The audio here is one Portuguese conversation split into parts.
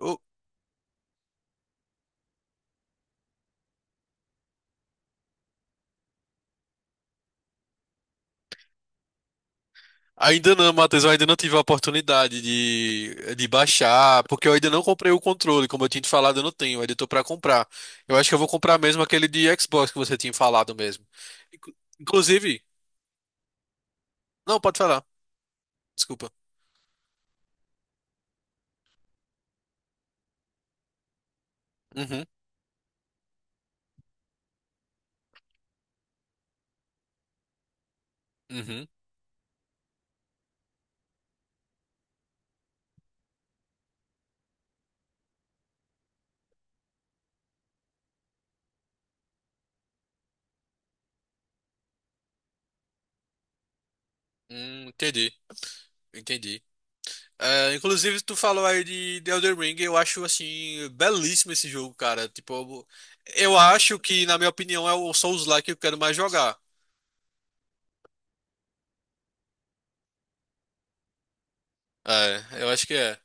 Eu- Ainda não, Matheus, eu ainda não tive a oportunidade de baixar, porque eu ainda não comprei o controle, como eu tinha te falado, eu não tenho, eu ainda tô pra comprar. Eu acho que eu vou comprar mesmo aquele de Xbox que você tinha falado mesmo. Inclusive, não, pode falar, desculpa. Uhum, uhum. Entendi, entendi. É, inclusive, tu falou aí de Elden Ring. Eu acho, assim, belíssimo esse jogo, cara. Tipo, eu acho que, na minha opinião, é o Souls-like que eu quero mais jogar. É, eu acho que é.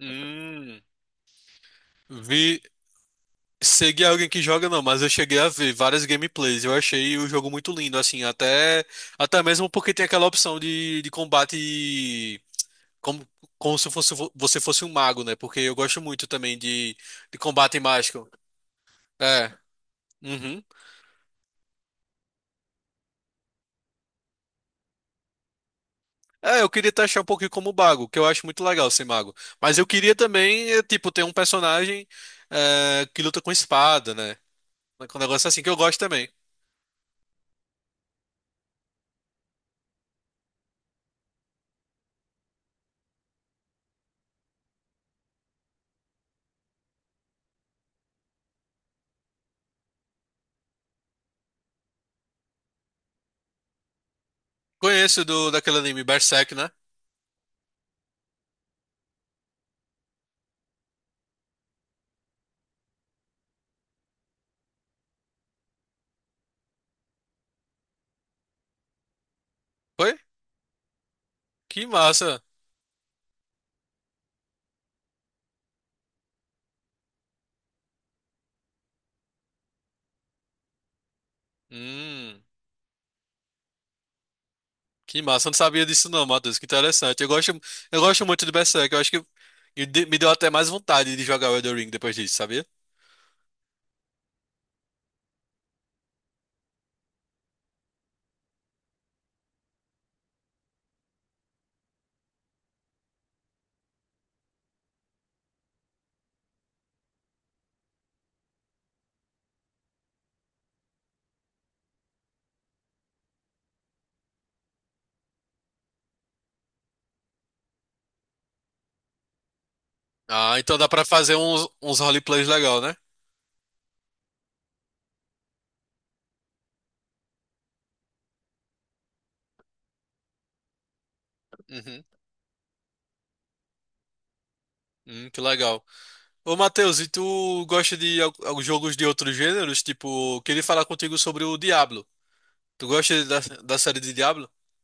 Hum. Vi, seguir alguém que joga não, mas eu cheguei a ver várias gameplays. Eu achei o jogo muito lindo, assim, até até mesmo porque tem aquela opção de combate como como se fosse você fosse um mago, né? Porque eu gosto muito também de combate mágico. É. Uhum. É, eu queria taxar um pouquinho como mago, que eu acho muito legal ser mago. Mas eu queria também, tipo, ter um personagem que luta com espada, né? Um negócio assim que eu gosto também. Conheço do daquele anime Berserk, né? Foi? Que massa. Hum, que massa, eu não sabia disso não, Matheus, que interessante. Eu gosto muito de Berserk, eu acho que me deu até mais vontade de jogar o Elden Ring depois disso, sabia? Ah, então dá pra fazer uns roleplays legal, né? Uhum. Que legal. Ô, Matheus, e tu gosta de jogos de outros gêneros? Tipo, queria falar contigo sobre o Diablo. Tu gosta da, da série de Diablo?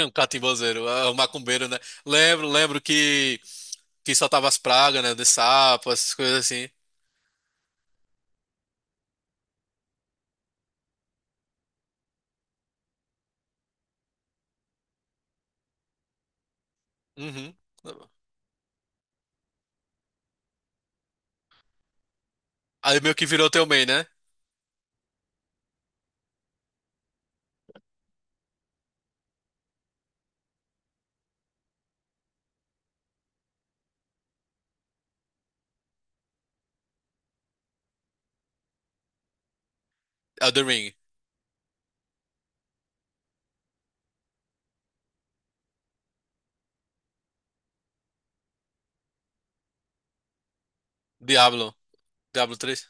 Um catimbozeiro, ah, um macumbeiro, né? Lembro, lembro que soltava as pragas, né? De sapo, essas coisas assim. Uhum. Aí meio que virou teu main, né? Elden Ring. Diablo. Diablo 3.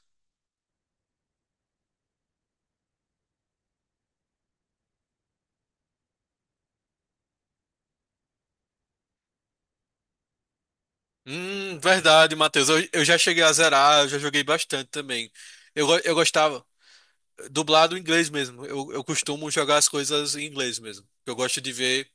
Verdade, Matheus. Eu já cheguei a zerar, eu já joguei bastante também. Eu gostava. Dublado em inglês mesmo. Eu costumo jogar as coisas em inglês mesmo. Eu gosto de ver.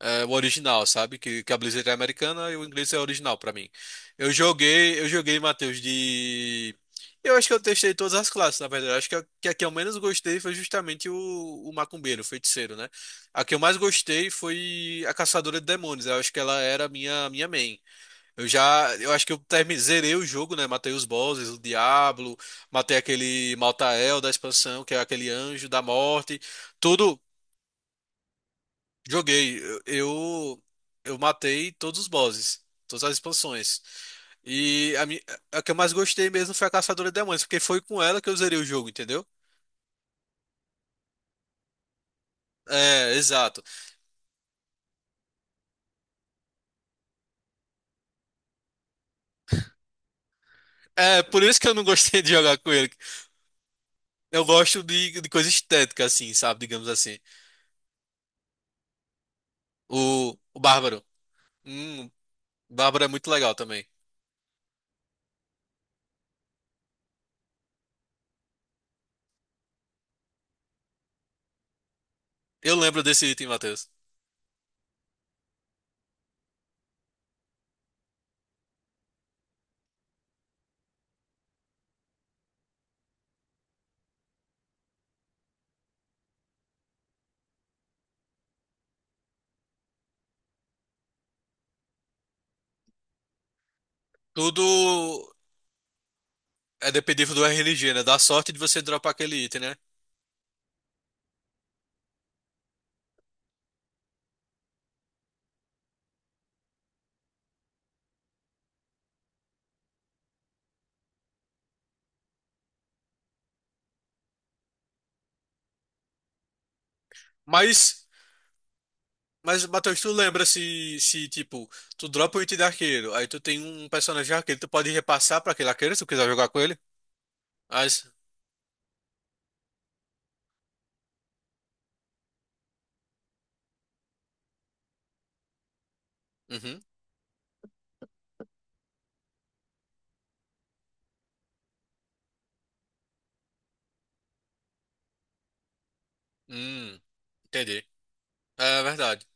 É, o original, sabe? Que a Blizzard é americana e o inglês é original pra mim. Eu joguei, Matheus, de. Eu acho que eu testei todas as classes, na verdade. Eu acho que a, que a que eu menos gostei foi justamente o macumbeiro, o feiticeiro, né? A que eu mais gostei foi a caçadora de demônios. Eu acho que ela era a minha, minha main. Eu já, eu acho que eu zerei o jogo, né? Matei os bosses, o Diablo, matei aquele Maltael da expansão, que é aquele anjo da morte. Tudo, joguei. Eu, eu matei todos os bosses, todas as expansões. E a que eu mais gostei mesmo foi a Caçadora de Demônios, porque foi com ela que eu zerei o jogo, entendeu? É, exato. É, por isso que eu não gostei de jogar com ele. Eu gosto de coisa estética, assim, sabe? Digamos assim. O Bárbaro. Hum, Bárbaro é muito legal também. Eu lembro desse item, Matheus. Tudo é dependível do RNG, né? Da sorte de você dropar aquele item, né? Mas. Mas, Matheus, tu lembra se, se, tipo, tu dropa o item de arqueiro, aí tu tem um personagem de arqueiro, tu pode repassar pra aquele arqueiro se tu quiser jogar com ele? As... Uhum. Hum, entendi. É verdade.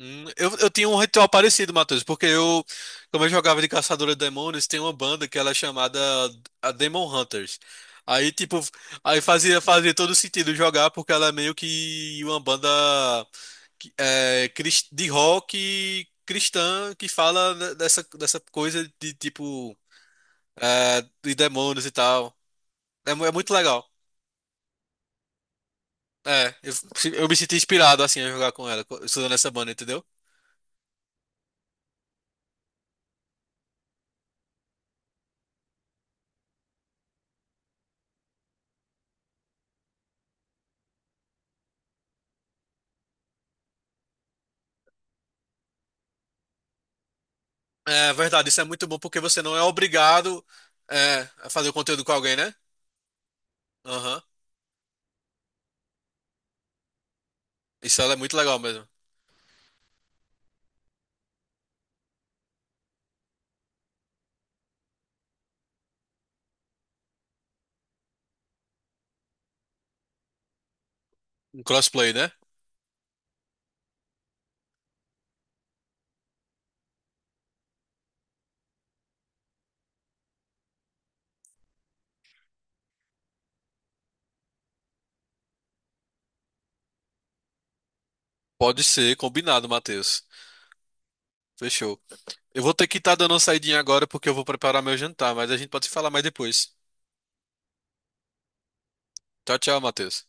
Eu tinha um ritual parecido, Matheus, porque eu, como eu jogava de caçadora de demônios, tem uma banda que ela é chamada a Demon Hunters. Aí, tipo, aí fazia, fazia todo sentido jogar, porque ela é meio que uma banda é, de rock cristã que fala dessa, dessa coisa de tipo é, de demônios e tal. É, é muito legal. É, eu me senti inspirado assim a jogar com ela, estudando essa banda, entendeu? É verdade, isso é muito bom porque você não é obrigado é, a fazer o conteúdo com alguém, né? Aham. Isso ela é muito legal mesmo. Um crossplay, né? Pode ser, combinado, Matheus. Fechou. Eu vou ter que estar dando uma saidinha agora porque eu vou preparar meu jantar, mas a gente pode se falar mais depois. Tchau, tchau, Matheus.